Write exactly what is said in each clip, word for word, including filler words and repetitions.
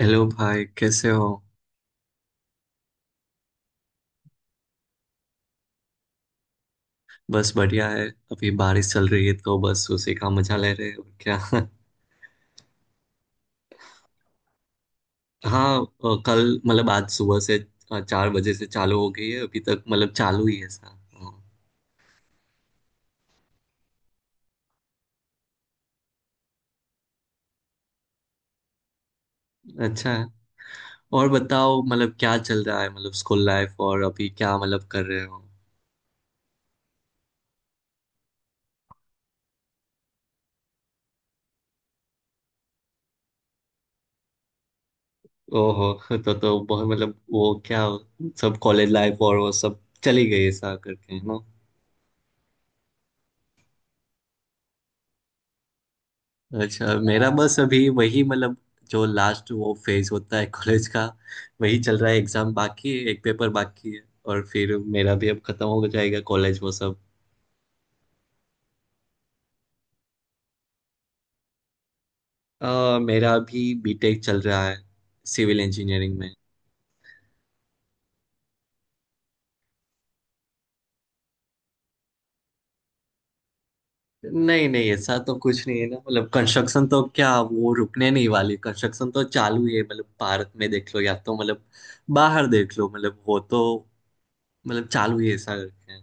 Hello भाई, कैसे हो। बस बढ़िया है। अभी बारिश चल रही है तो बस उसी का मजा ले रहे हैं, और क्या। हाँ, अ, कल मतलब आज सुबह से अ, चार बजे से चालू हो गई है, अभी तक मतलब चालू ही है ऐसा। अच्छा है। और बताओ मतलब क्या चल रहा है, मतलब स्कूल लाइफ, और अभी क्या मतलब कर रहे हो। ओहो। तो तो बहुत मतलब वो क्या, सब कॉलेज लाइफ और वो सब चली गई ऐसा करके, है ना। अच्छा, मेरा बस अभी वही, मतलब जो लास्ट वो फेज होता है कॉलेज का, वही चल रहा है। एग्जाम बाकी है, एक पेपर बाकी है। और फिर मेरा भी अब खत्म हो जाएगा कॉलेज वो सब। अ, मेरा अभी बीटेक चल रहा है, सिविल इंजीनियरिंग में। नहीं नहीं, ऐसा तो कुछ नहीं है ना। मतलब कंस्ट्रक्शन तो क्या, वो रुकने नहीं वाली। कंस्ट्रक्शन तो चालू ही है, मतलब भारत में देख लो या तो मतलब बाहर देख लो, मतलब वो तो मतलब चालू ही ऐसा रखे हैं।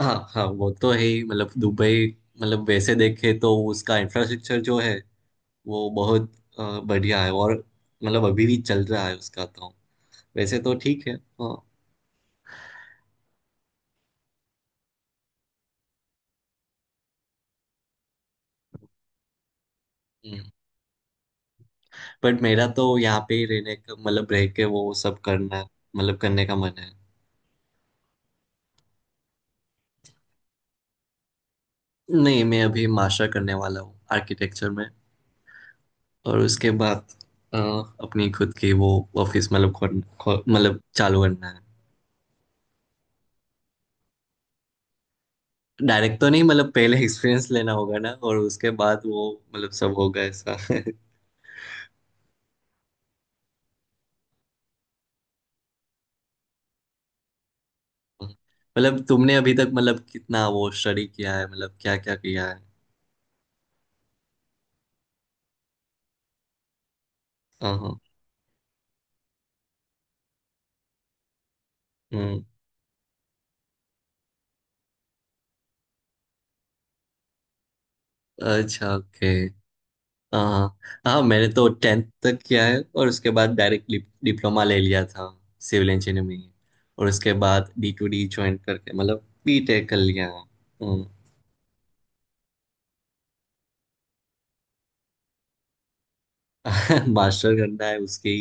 हाँ हाँ, वो तो है ही। मतलब दुबई, मतलब वैसे देखे तो उसका इंफ्रास्ट्रक्चर जो है, वो बहुत अ, बढ़िया है, और मतलब अभी भी चल रहा है उसका तो, वैसे तो ठीक है। हाँ। बट मेरा तो यहाँ पे ही रहने का, मतलब रह के वो सब करना, मतलब करने का मन है। नहीं, मैं अभी मास्टर करने वाला हूँ आर्किटेक्चर में। और उसके बाद अ, अपनी खुद की वो ऑफिस, मतलब खोल- खोल- मतलब चालू करना है। डायरेक्ट तो नहीं, मतलब पहले एक्सपीरियंस लेना होगा ना, और उसके बाद वो मतलब सब होगा ऐसा। मतलब तुमने अभी तक मतलब कितना वो स्टडी किया है, मतलब क्या क्या किया है। हाँ हाँ। हम्म। अच्छा, ओके। हाँ। हाँ, मैंने तो टेंथ तक किया है, और उसके बाद डायरेक्ट डिप्लोमा ले लिया था सिविल इंजीनियरिंग में। और उसके बाद डी टू डी ज्वाइन करके मतलब बीटेक कर लिया है। हम्म। मास्टर करना है, उसकी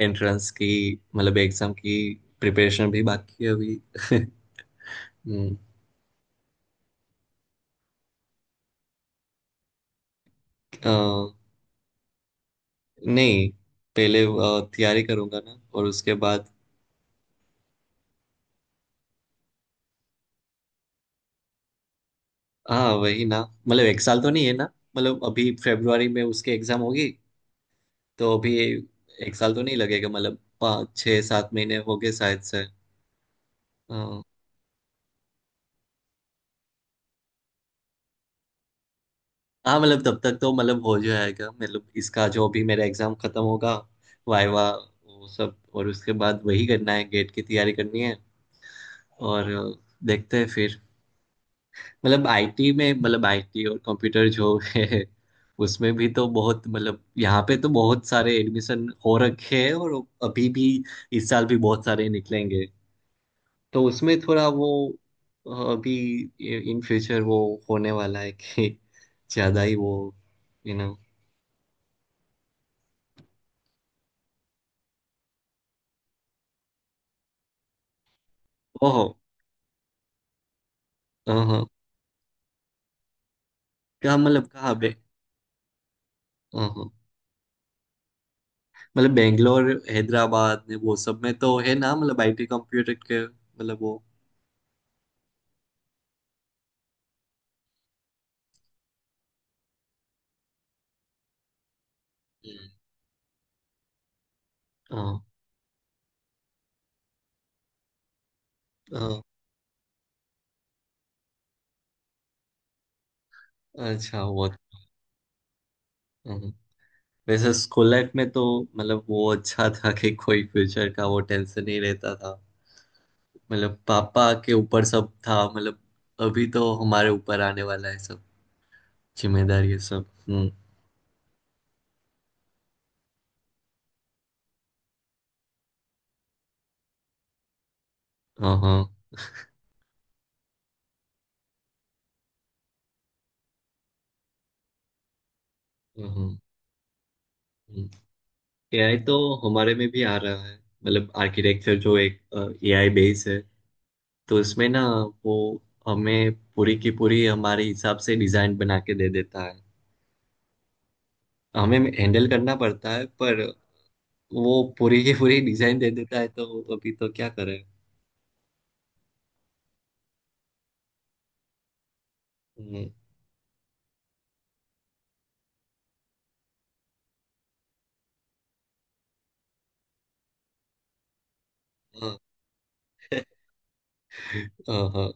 एंट्रेंस की, मतलब एग्जाम की प्रिपरेशन भी बाकी है अभी। हम्म। अ, नहीं, पहले अ, तैयारी करूंगा ना, और उसके बाद हाँ, वही ना। मतलब एक साल तो नहीं है ना। मतलब अभी फरवरी में उसके एग्जाम होगी। तो अभी एक साल तो नहीं लगेगा, मतलब पाँच छः सात महीने हो गए शायद से। हाँ। हाँ, मतलब तब तक तो मतलब हो जाएगा, मतलब इसका जो भी मेरा एग्जाम खत्म होगा, वाइवा वो सब, और उसके बाद वही करना है, गेट की तैयारी करनी है। और अ, देखते हैं फिर। मतलब आई टी में, मतलब आई टी और कंप्यूटर जो है, उसमें भी तो बहुत, मतलब यहाँ पे तो बहुत सारे एडमिशन हो रखे हैं, और अभी भी इस साल भी बहुत सारे निकलेंगे। तो उसमें थोड़ा वो अ, अभी इन फ्यूचर वो होने वाला है कि ज़्यादा ही वो यू नो ओहो। हाँ। क्या मतलब, कहाँ बे। हाँ हाँ। मतलब बेंगलोर हैदराबाद ने वो सब में तो है ना, मतलब आई टी कंप्यूटर के मतलब वो। हम्म। हाँ। हाँ, अच्छा वो, हाँ। हाँ। वैसे स्कूल लाइफ में तो मतलब वो अच्छा था कि कोई फ्यूचर का वो टेंशन नहीं रहता था। मतलब पापा के ऊपर सब था, मतलब अभी तो हमारे ऊपर आने वाला है सब, जिम्मेदारी है सब। हम्म। हाँ हाँ हाँ। ए आई तो हमारे में भी आ रहा है। मतलब आर्किटेक्चर जो एक ए आई बेस है, तो इसमें ना, वो हमें पूरी की पूरी हमारे हिसाब से डिजाइन बना के दे देता है। हमें हैंडल करना पड़ता है, पर वो पूरी की पूरी डिजाइन दे देता है, तो अभी तो क्या करें। हम्म। हाँ। हाँ, हाँ,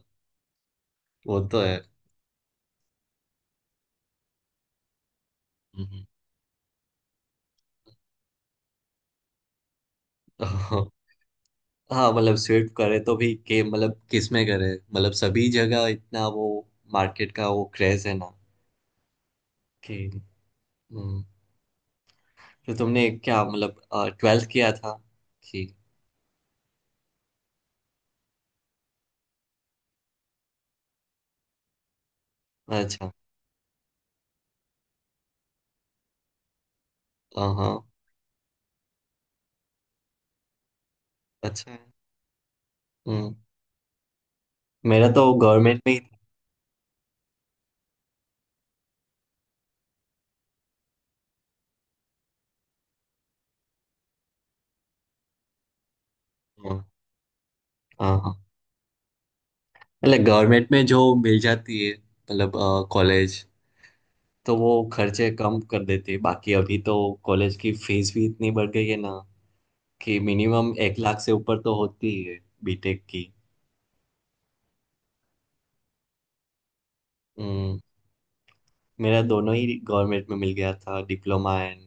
वो तो है। हम्म। हाँ हाँ। मतलब स्विफ्ट करे तो भी के, मतलब किस में करे, मतलब सभी जगह इतना वो मार्केट का वो क्रेज है ना, कि हम्म। तो तुमने क्या मतलब ट्वेल्थ किया था, कि अच्छा। हाँ हाँ। अच्छा है। हम्म। मेरा तो गवर्नमेंट में ही था। हाँ हाँ हाँ। मतलब गवर्नमेंट में जो मिल जाती है मतलब कॉलेज, तो वो खर्चे कम कर देते हैं। बाकी अभी तो कॉलेज की फीस भी इतनी बढ़ गई है ना, कि मिनिमम एक लाख से ऊपर तो होती ही है, बीटेक की। हम्म। मेरा दोनों ही गवर्नमेंट में मिल गया था, डिप्लोमा एंड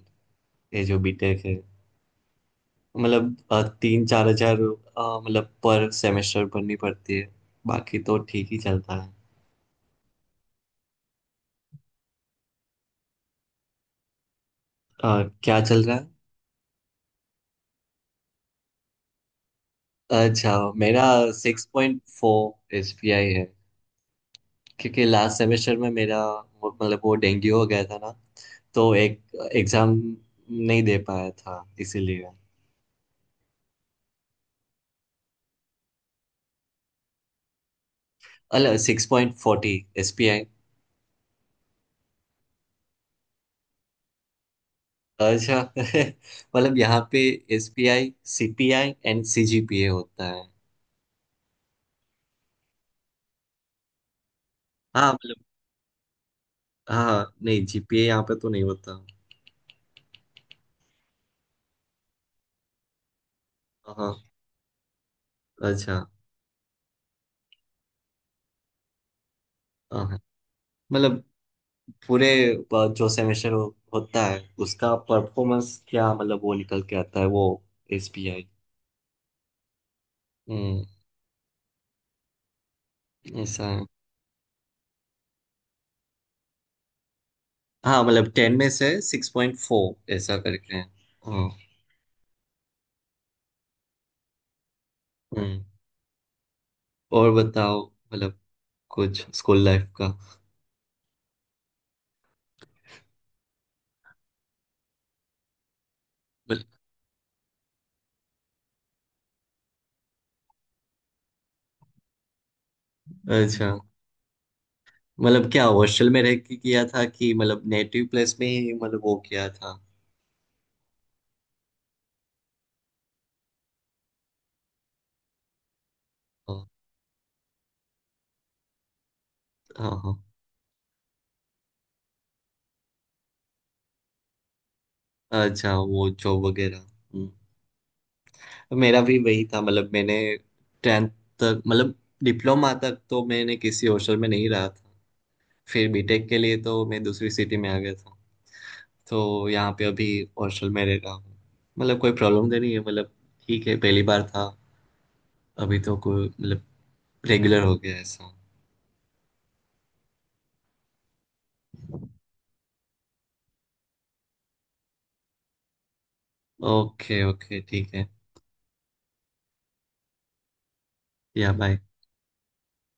ये जो बीटेक है, मतलब अ, तीन चार हजार अ, मतलब पर सेमेस्टर भरनी पड़ती है। बाकी तो ठीक ही चलता है। अ, क्या चल रहा है। अच्छा, मेरा six point four S P I है। क्योंकि लास्ट सेमेस्टर में मेरा वो- मतलब वो डेंगू हो गया था ना, तो एक एग्जाम नहीं दे पाया था इसीलिए। अल six point forty S P I. अच्छा। मतलब यहाँ पे S P I, C P I and C G P A होता है। हाँ, मतलब हाँ हाँ, नहीं, जी पी ए यहाँ पे तो नहीं होता। हाँ हाँ, अच्छा। हाँ हाँ, मतलब पूरे अ, जो सेमेस्टर हो, होता है, उसका परफॉर्मेंस क्या, मतलब वो निकल के आता है वो एस बी आई। हम्म। ऐसा है। हाँ, मतलब टेन में से सिक्स पॉइंट फोर ऐसा करके है। हाँ। हम्म। और बताओ, मतलब कुछ स्कूल लाइफ का। मतलब- अच्छा, मतलब क्या हॉस्टल में रह के किया था, कि मतलब नेटिव प्लेस में ही मतलब वो किया था। हाँ हाँ हाँ। अच्छा, वो जॉब वगैरह। हम्म। तो मेरा भी वही था, मतलब मैंने टेंथ तक, मतलब डिप्लोमा तक तो मैंने किसी हॉस्टल में नहीं रहा था। फिर बीटेक के लिए तो मैं दूसरी सिटी में आ गया था, तो यहाँ पे अभी हॉस्टल में रह रहा हूँ। मतलब कोई प्रॉब्लम तो नहीं है, मतलब ठीक है, पहली बार था। अभी तो कोई, मतलब रेगुलर हो गया ऐसा। ओके ओके, ठीक है। या, बाय।